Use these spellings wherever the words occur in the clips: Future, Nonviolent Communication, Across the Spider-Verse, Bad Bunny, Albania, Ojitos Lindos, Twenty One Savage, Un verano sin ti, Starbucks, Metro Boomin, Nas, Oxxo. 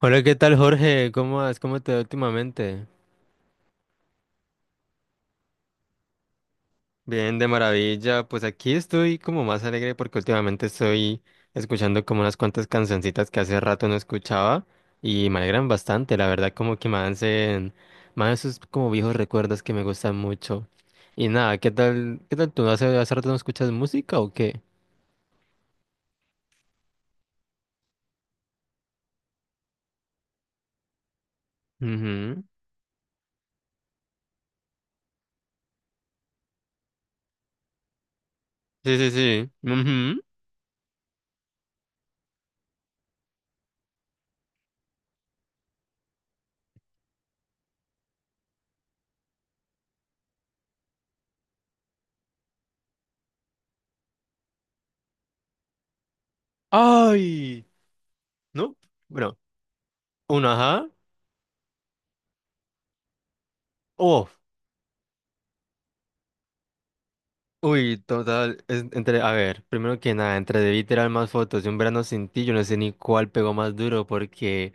Hola, ¿qué tal, Jorge? ¿Cómo vas? ¿Cómo te va últimamente? Bien, de maravilla. Pues aquí estoy como más alegre porque últimamente estoy escuchando como unas cuantas cancioncitas que hace rato no escuchaba y me alegran bastante, la verdad, como que me hacen más esos como viejos recuerdos que me gustan mucho. Y nada, ¿qué tal? ¿Qué tal tú? ¿Hace rato no escuchas música o qué? Ujú. Sí, sí, sí. Ujú. Ay, no. Bueno, un ajá. ¡Uf! Uy, total, entre, a ver, primero que nada, entre debí tirar más fotos de un verano sin ti, yo no sé ni cuál pegó más duro, porque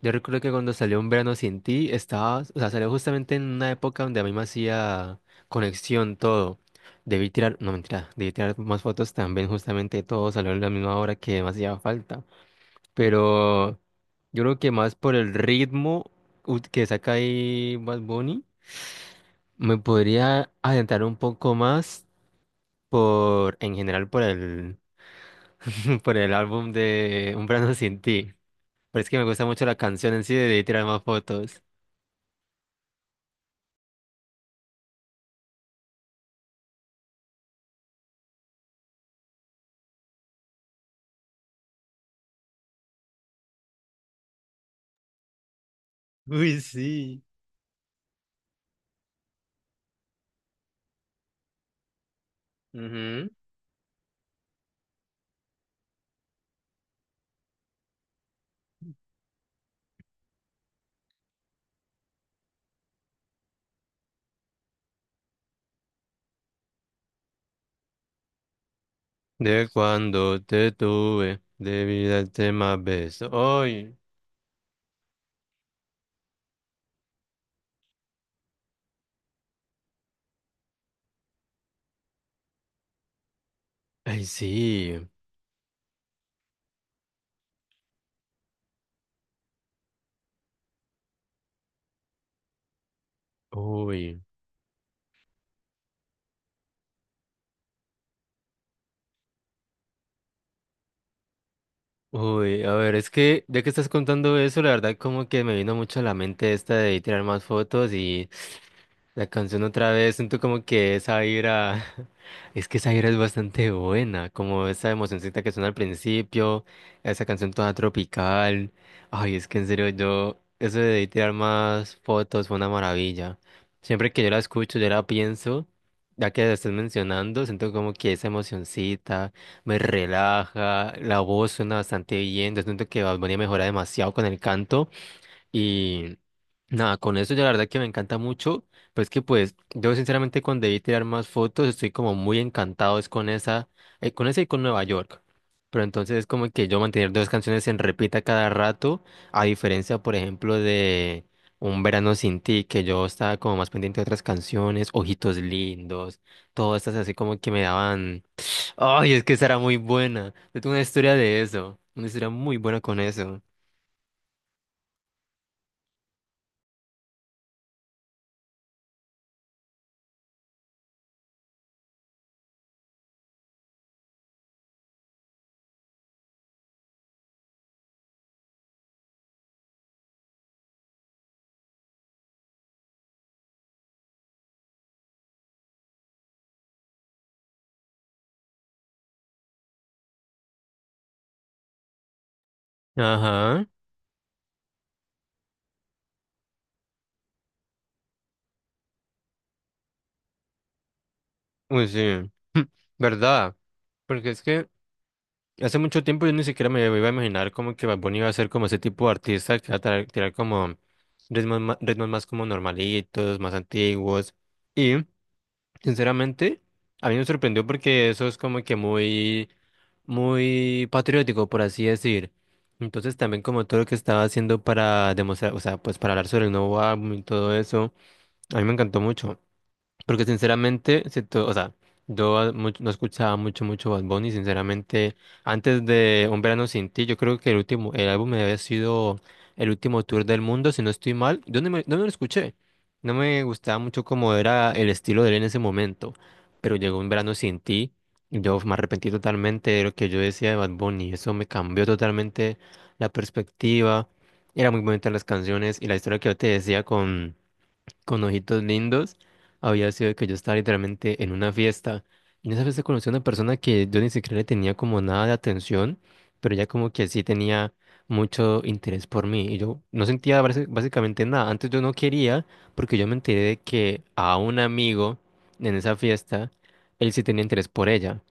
yo recuerdo que cuando salió un verano sin ti, estaba, o sea, salió justamente en una época donde a mí me hacía conexión todo. Debí tirar, no mentira, debí tirar más fotos también, justamente todo salió en la misma hora que me hacía falta. Pero yo creo que más por el ritmo que saca ahí Bad Bunny, me podría adentrar un poco más por, en general por el álbum de Un verano sin ti. Pero es que me gusta mucho la canción en sí, de tirar más fotos. Uy, sí. Ujú. De cuando te tuve, debí darte más besos. Ay, ay, sí. Uy, uy. A ver, es que ya que estás contando eso, la verdad como que me vino mucho a la mente esta de tirar más fotos y la canción otra vez, siento como que esa vibra, es que esa vibra es bastante buena, como esa emocioncita que suena al principio, esa canción toda tropical, ay, es que en serio yo, eso de tirar más fotos fue una maravilla. Siempre que yo la escucho, yo la pienso, ya que la estás mencionando, siento como que esa emocioncita me relaja, la voz suena bastante bien, yo siento que Bad Bunny mejora demasiado con el canto. Y nada, con eso ya la verdad que me encanta mucho. Pues que pues yo sinceramente cuando debí tirar más fotos estoy como muy encantado es con esa y con Nueva York. Pero entonces es como que yo mantener dos canciones en repita cada rato, a diferencia, por ejemplo, de Un Verano Sin Ti, que yo estaba como más pendiente de otras canciones, Ojitos Lindos, todas estas así como que me daban, ay, es que esa era muy buena. Yo tengo una historia de eso, una historia muy buena con eso. Ajá. Uy, sí, verdad, porque es que hace mucho tiempo yo ni siquiera me iba a imaginar como que Bad Bunny iba a ser como ese tipo de artista que va a tirar como ritmos más como normalitos, más antiguos, y sinceramente a mí me sorprendió porque eso es como que muy, muy patriótico, por así decir, entonces también como todo lo que estaba haciendo para demostrar, o sea, pues para hablar sobre el nuevo álbum y todo eso, a mí me encantó mucho. Porque sinceramente, o sea, yo no escuchaba mucho, mucho Bad Bunny, sinceramente, antes de Un Verano Sin Ti, yo creo que el álbum había sido el último tour del mundo, si no estoy mal, yo no me lo escuché, no me gustaba mucho cómo era el estilo de él en ese momento, pero llegó Un Verano Sin Ti, y yo me arrepentí totalmente de lo que yo decía de Bad Bunny, eso me cambió totalmente la perspectiva, eran muy bonitas las canciones y la historia que yo te decía con ojitos lindos, había sido de que yo estaba literalmente en una fiesta. Y en esa fiesta conocí a una persona que yo ni siquiera le tenía como nada de atención, pero ella como que sí tenía mucho interés por mí. Y yo no sentía básicamente nada. Antes yo no quería, porque yo me enteré de que a un amigo en esa fiesta, él sí tenía interés por ella.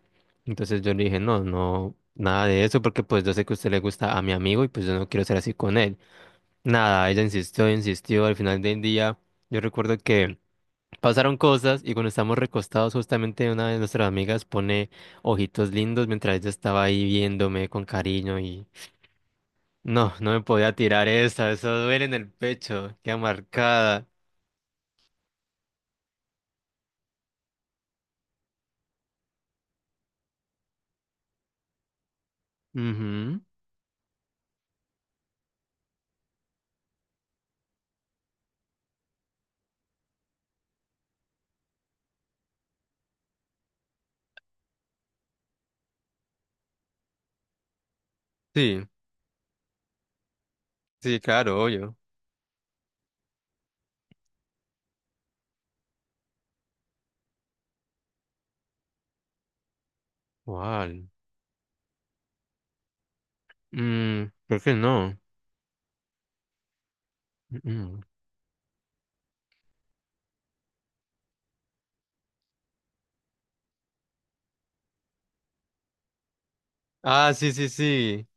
Entonces yo le dije, no, no, nada de eso, porque pues yo sé que a usted le gusta a mi amigo y pues yo no quiero ser así con él. Nada, ella insistió, insistió, al final del día yo recuerdo que pasaron cosas y cuando estamos recostados justamente una de nuestras amigas pone ojitos lindos mientras ella estaba ahí viéndome con cariño y no, no me podía tirar esa, eso duele en el pecho, queda marcada. Ujú. Sí, sí, claro, obvio. ¿Cuál? Mm, creo que no. Mm, mm. Ah, sí, sí, sí.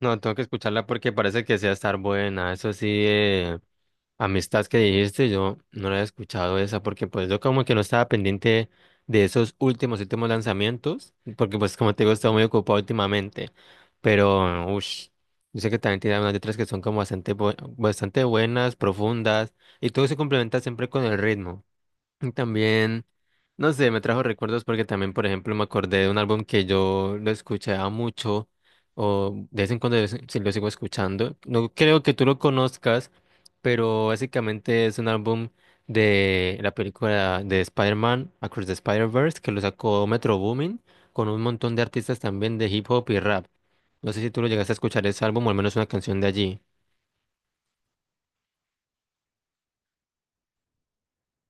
No, tengo que escucharla porque parece que sea estar buena, eso sí, Amistad que dijiste, yo no la había escuchado esa porque pues yo como que no estaba pendiente de esos últimos lanzamientos, porque pues como te digo, he estado muy ocupado últimamente, pero uff, yo sé que también tiene unas letras que son como bastante, bastante buenas, profundas, y todo se complementa siempre con el ritmo. Y también, no sé, me trajo recuerdos porque también, por ejemplo, me acordé de un álbum que yo lo escuchaba mucho o de vez en cuando si lo sigo escuchando. No creo que tú lo conozcas, pero básicamente es un álbum de la película de Spider-Man, Across the Spider-Verse, que lo sacó Metro Boomin con un montón de artistas también de hip hop y rap. No sé si tú lo llegaste a escuchar ese álbum o al menos una canción de allí.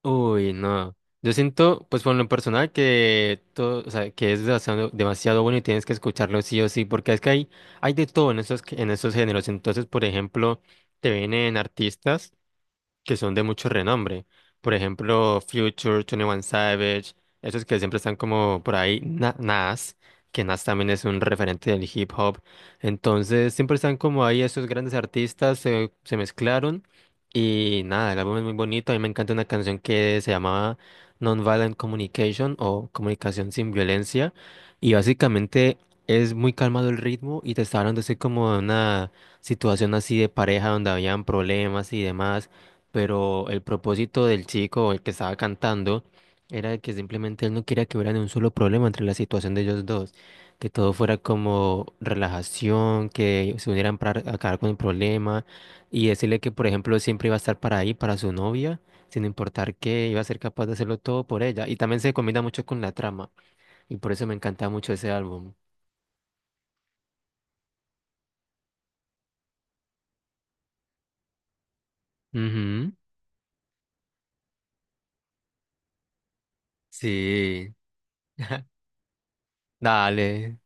Uy, no. Yo siento, pues por lo personal, que todo, o sea, que es demasiado, demasiado bueno y tienes que escucharlo sí o sí, porque es que hay de todo en esos géneros. Entonces, por ejemplo, te vienen artistas que son de mucho renombre. Por ejemplo, Future, 21 Savage, esos que siempre están como por ahí, Nas, que Nas también es un referente del hip hop. Entonces, siempre están como ahí esos grandes artistas, se mezclaron. Y nada, el álbum es muy bonito. A mí me encanta una canción que se llamaba Nonviolent Communication o Comunicación sin Violencia. Y básicamente es muy calmado el ritmo y te está hablando así como de una situación así de pareja donde habían problemas y demás, pero el propósito del chico, el que estaba cantando, era de que simplemente él no quería que hubiera ni un solo problema entre la situación de ellos dos, que todo fuera como relajación, que se unieran para acabar con el problema y decirle que, por ejemplo, siempre iba a estar para ahí, para su novia, sin importar qué, iba a ser capaz de hacerlo todo por ella. Y también se combina mucho con la trama, y por eso me encanta mucho ese álbum. Ujú, sí, dale.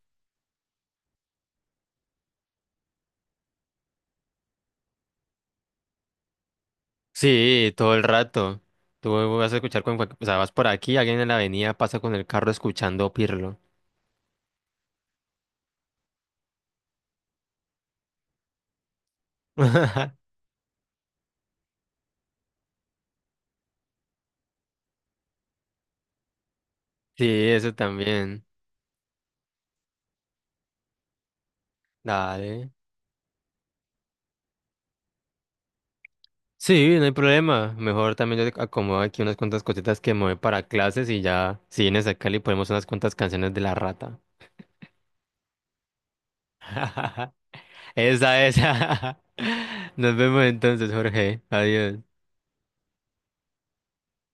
Sí, todo el rato. Tú vas a escuchar con cualquier... O sea, vas por aquí, alguien en la avenida pasa con el carro escuchando Pirlo. Sí, eso también. Dale. Sí, no hay problema. Mejor también yo te acomodo aquí unas cuantas cositas que me voy para clases y ya, si vienes acá, le ponemos unas cuantas canciones de la rata. Esa, esa. Nos vemos entonces, Jorge. Adiós.